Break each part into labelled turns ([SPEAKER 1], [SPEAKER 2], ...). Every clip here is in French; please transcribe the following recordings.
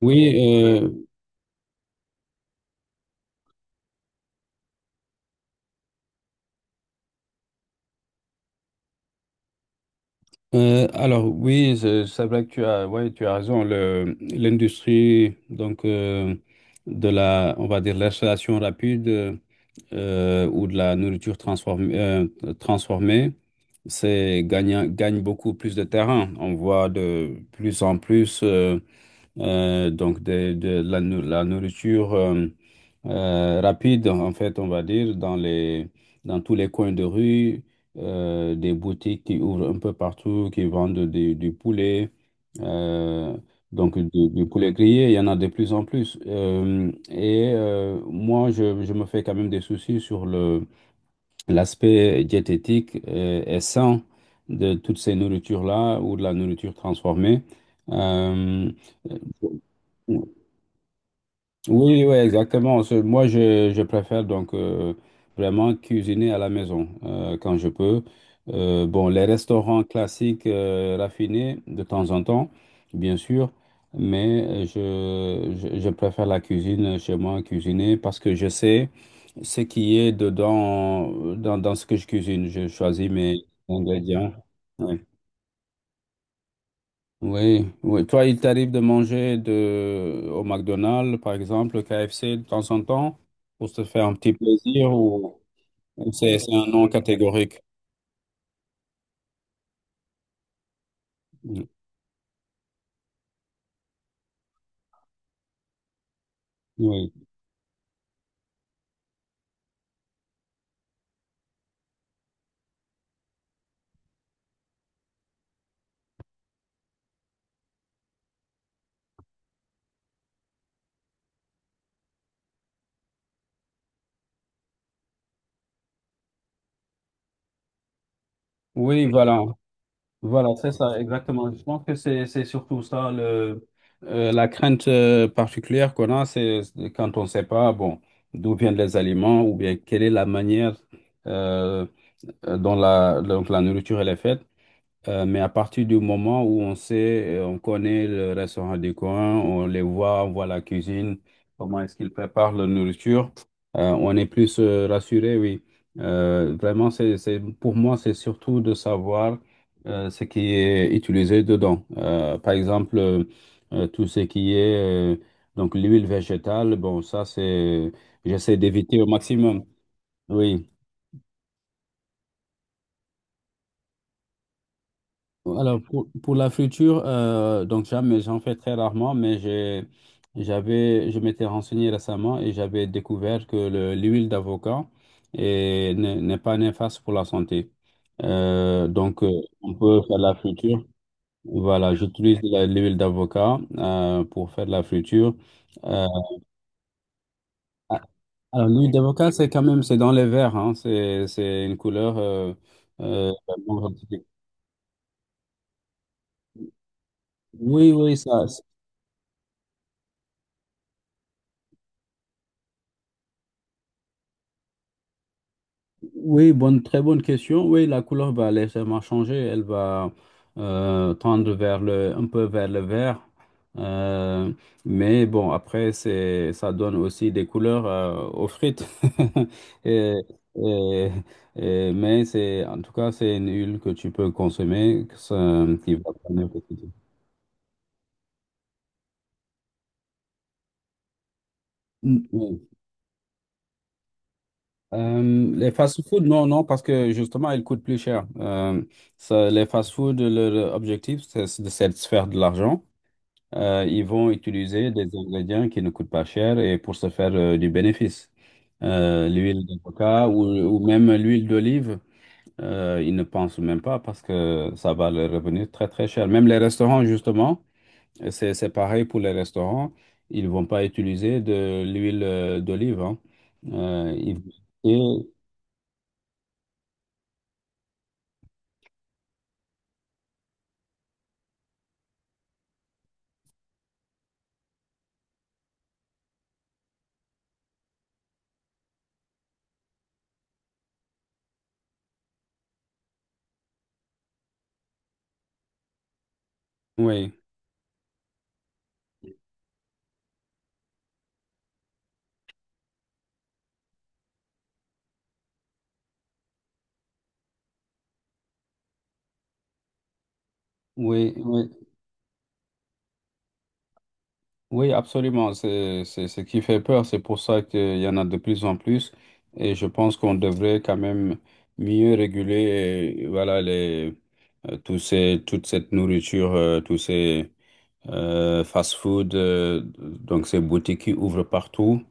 [SPEAKER 1] Oui, alors oui, c'est vrai que tu as, ouais, tu as raison. L'industrie donc de la, on va dire l'installation rapide ou de la nourriture transformée, gagne beaucoup plus de terrain. On voit de plus en plus donc la nourriture rapide, en fait, on va dire, dans tous les coins de rue, des boutiques qui ouvrent un peu partout, qui vendent du poulet, euh, donc du poulet grillé, il y en a de plus en plus. Et moi, je me fais quand même des soucis sur l'aspect diététique et sain de toutes ces nourritures-là ou de la nourriture transformée. Euh, oui, oui, exactement. Moi, je préfère donc vraiment cuisiner à la maison quand je peux. Bon, les restaurants classiques raffinés de temps en temps, bien sûr, mais je préfère la cuisine chez moi, cuisiner, parce que je sais ce qui est dedans, dans ce que je cuisine. Je choisis mes ingrédients. Ouais. Oui, oui. Toi, il t'arrive de manger de... au McDonald's, par exemple, au KFC de temps en temps, pour se faire un petit plaisir, ou c'est un non catégorique? Oui. Oui, voilà. Voilà, c'est ça, exactement. Je pense que c'est surtout ça le la crainte particulière qu'on a, c'est quand on ne sait pas, bon, d'où viennent les aliments ou bien quelle est la manière euh, dont la nourriture elle est faite. Mais à partir du moment où on sait, on connaît le restaurant du coin, on les voit, on voit la cuisine, comment est-ce qu'ils préparent leur nourriture, on est plus rassuré, oui. Vraiment, pour moi, c'est surtout de savoir ce qui est utilisé dedans. Par exemple, tout ce qui est donc l'huile végétale, bon, ça, j'essaie d'éviter au maximum. Oui. Alors, pour la friture, donc jamais, j'en fais très rarement, mais j'avais, je m'étais renseigné récemment et j'avais découvert que l'huile d'avocat n'est pas néfaste pour la santé. Donc on peut faire la friture. Voilà, j'utilise l'huile d'avocat pour faire la friture. Euh, alors, l'huile d'avocat, c'est quand même, c'est dans les verts, hein, c'est une couleur. Euh, bon, oui, oui, ça, Oui, bonne, très bonne question. Oui, la couleur va légèrement changer. Elle va tendre vers un peu vers le vert. Euh, mais bon, après, ça donne aussi des couleurs aux frites. Et- et- mais c'est, en tout cas, c'est une huile que tu peux consommer, que qui va prendre un peu de temps. Mm, oui. Les fast-food, non, non, parce que justement, ils coûtent plus cher. Ça, les fast-food, leur objectif, c'est de se faire de l'argent. Ils vont utiliser des ingrédients qui ne coûtent pas cher et pour se faire du bénéfice. L'huile d'avocat ou même l'huile d'olive, ils ne pensent même pas parce que ça va leur revenir très très cher. Même les restaurants, justement, c'est pareil pour les restaurants, ils ne vont pas utiliser de l'huile d'olive, hein. Euh, ils vont- et- Oui, oui, oui. Oui, absolument. C'est ce qui fait peur. C'est pour ça qu'il y en a de plus en plus. Et je pense qu'on devrait quand même mieux réguler, voilà, les, tous ces, toute cette nourriture, tous ces fast-food, donc ces boutiques qui ouvrent partout.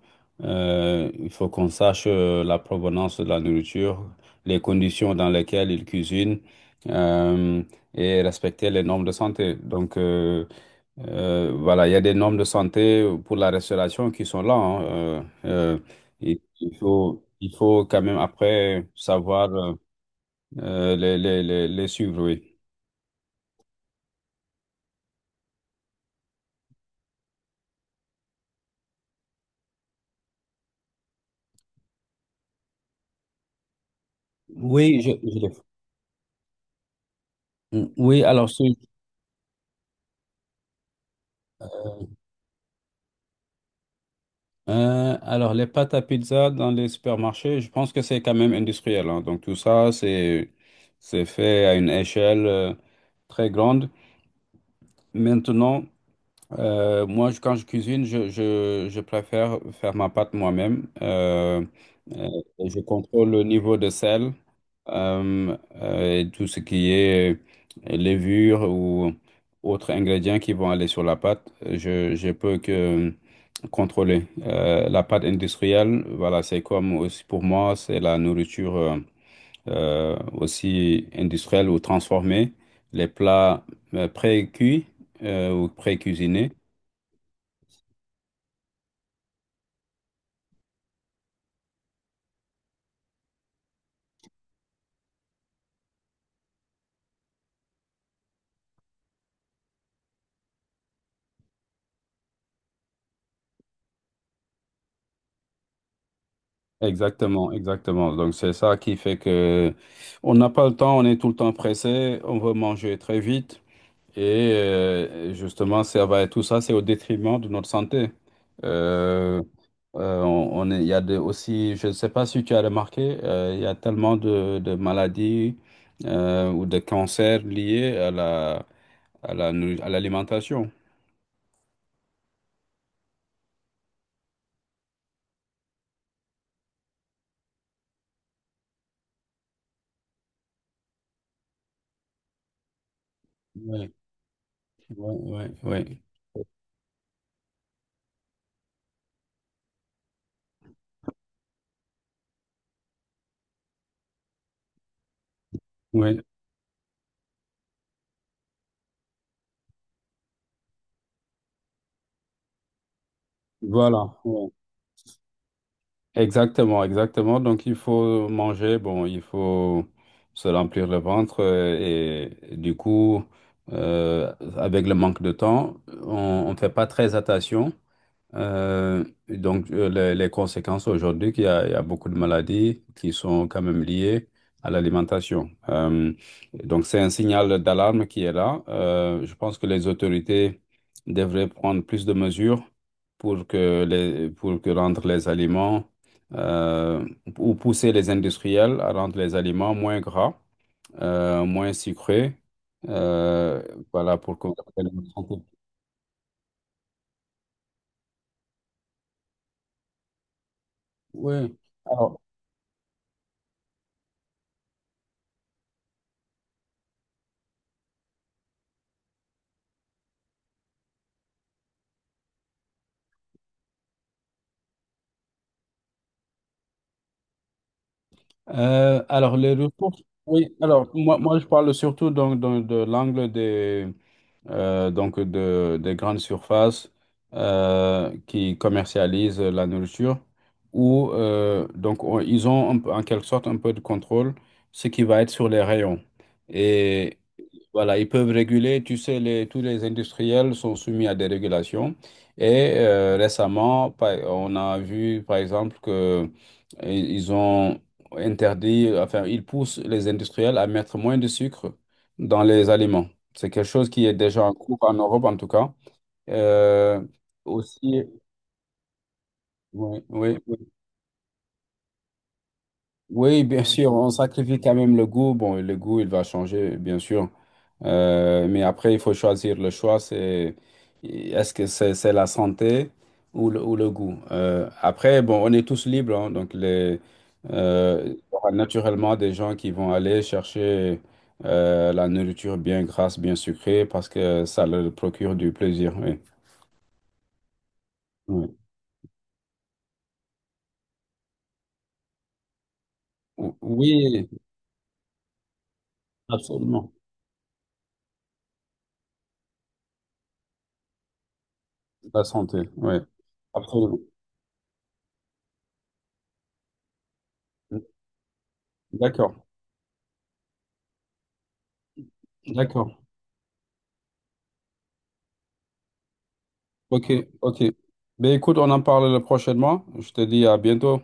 [SPEAKER 1] Il faut qu'on sache la provenance de la nourriture, les conditions dans lesquelles ils cuisinent, euh, et respecter les normes de santé. Donc, voilà, il y a des normes de santé pour la restauration qui sont là, hein. Il faut quand même après savoir les suivre, oui. Oui, je les fais. Mm. Oui, alors, alors les pâtes à pizza dans les supermarchés, je pense que c'est quand même industriel, hein. Donc tout ça, c'est fait à une échelle très grande. Maintenant, moi, quand je cuisine, je préfère faire ma pâte moi-même. Euh, je contrôle le niveau de sel et tout ce qui est levure ou autres ingrédients qui vont aller sur la pâte. Je peux que contrôler. La pâte industrielle, voilà, c'est comme aussi pour moi, c'est la nourriture aussi industrielle ou transformée. Les plats pré-cuits ou pré-cuisinés. Exactement, exactement. Donc c'est ça qui fait que on n'a pas le temps, on est tout le temps pressé, on veut manger très vite et justement tout ça c'est au détriment de notre santé. Euh, il y a aussi, je ne sais pas si tu as remarqué, il y a tellement de maladies ou de cancers liés à l'alimentation. Oui, oui, oui, oui, oui. Voilà, ouais. Exactement, exactement. Donc, il faut manger, bon, il faut se remplir le ventre et du coup, euh, avec le manque de temps, on ne fait pas très attention. Donc, les conséquences aujourd'hui, il y a beaucoup de maladies qui sont quand même liées à l'alimentation. Donc, c'est un signal d'alarme qui est là. Je pense que les autorités devraient prendre plus de mesures pour pour que rendre les aliments euh, ou pousser les industriels à rendre les aliments moins gras, moins sucrés. Euh, voilà, pour qu'on... Oui. Alors, les ressources, oui, alors moi je parle surtout donc, de l'angle des, donc des grandes surfaces qui commercialisent la nourriture, où donc, ils ont en quelque sorte un peu de contrôle, ce qui va être sur les rayons. Et voilà, ils peuvent réguler. Tu sais, les, tous les industriels sont soumis à des régulations. Et récemment, on a vu, par exemple, que i- ils ont interdit, enfin, ils poussent les industriels à mettre moins de sucre dans les aliments. C'est quelque chose qui est déjà en cours en Europe, en tout cas. Euh, Aussi, oui, oui, oui. Oui, bien sûr, on sacrifie quand même le goût. Bon, le goût, il va changer, bien sûr. Mais après, il faut choisir le choix, c'est est-ce que c'est la santé ou ou le goût? Après, bon, on est tous libres, hein, donc les, il y aura naturellement des gens qui vont aller chercher la nourriture bien grasse, bien sucrée, parce que ça leur procure du plaisir. Oui, oui. Oui, absolument. La santé, oui, absolument. D'accord, d'accord. Ok, ok. Ben écoute, on en parle prochainement. Je te dis à bientôt.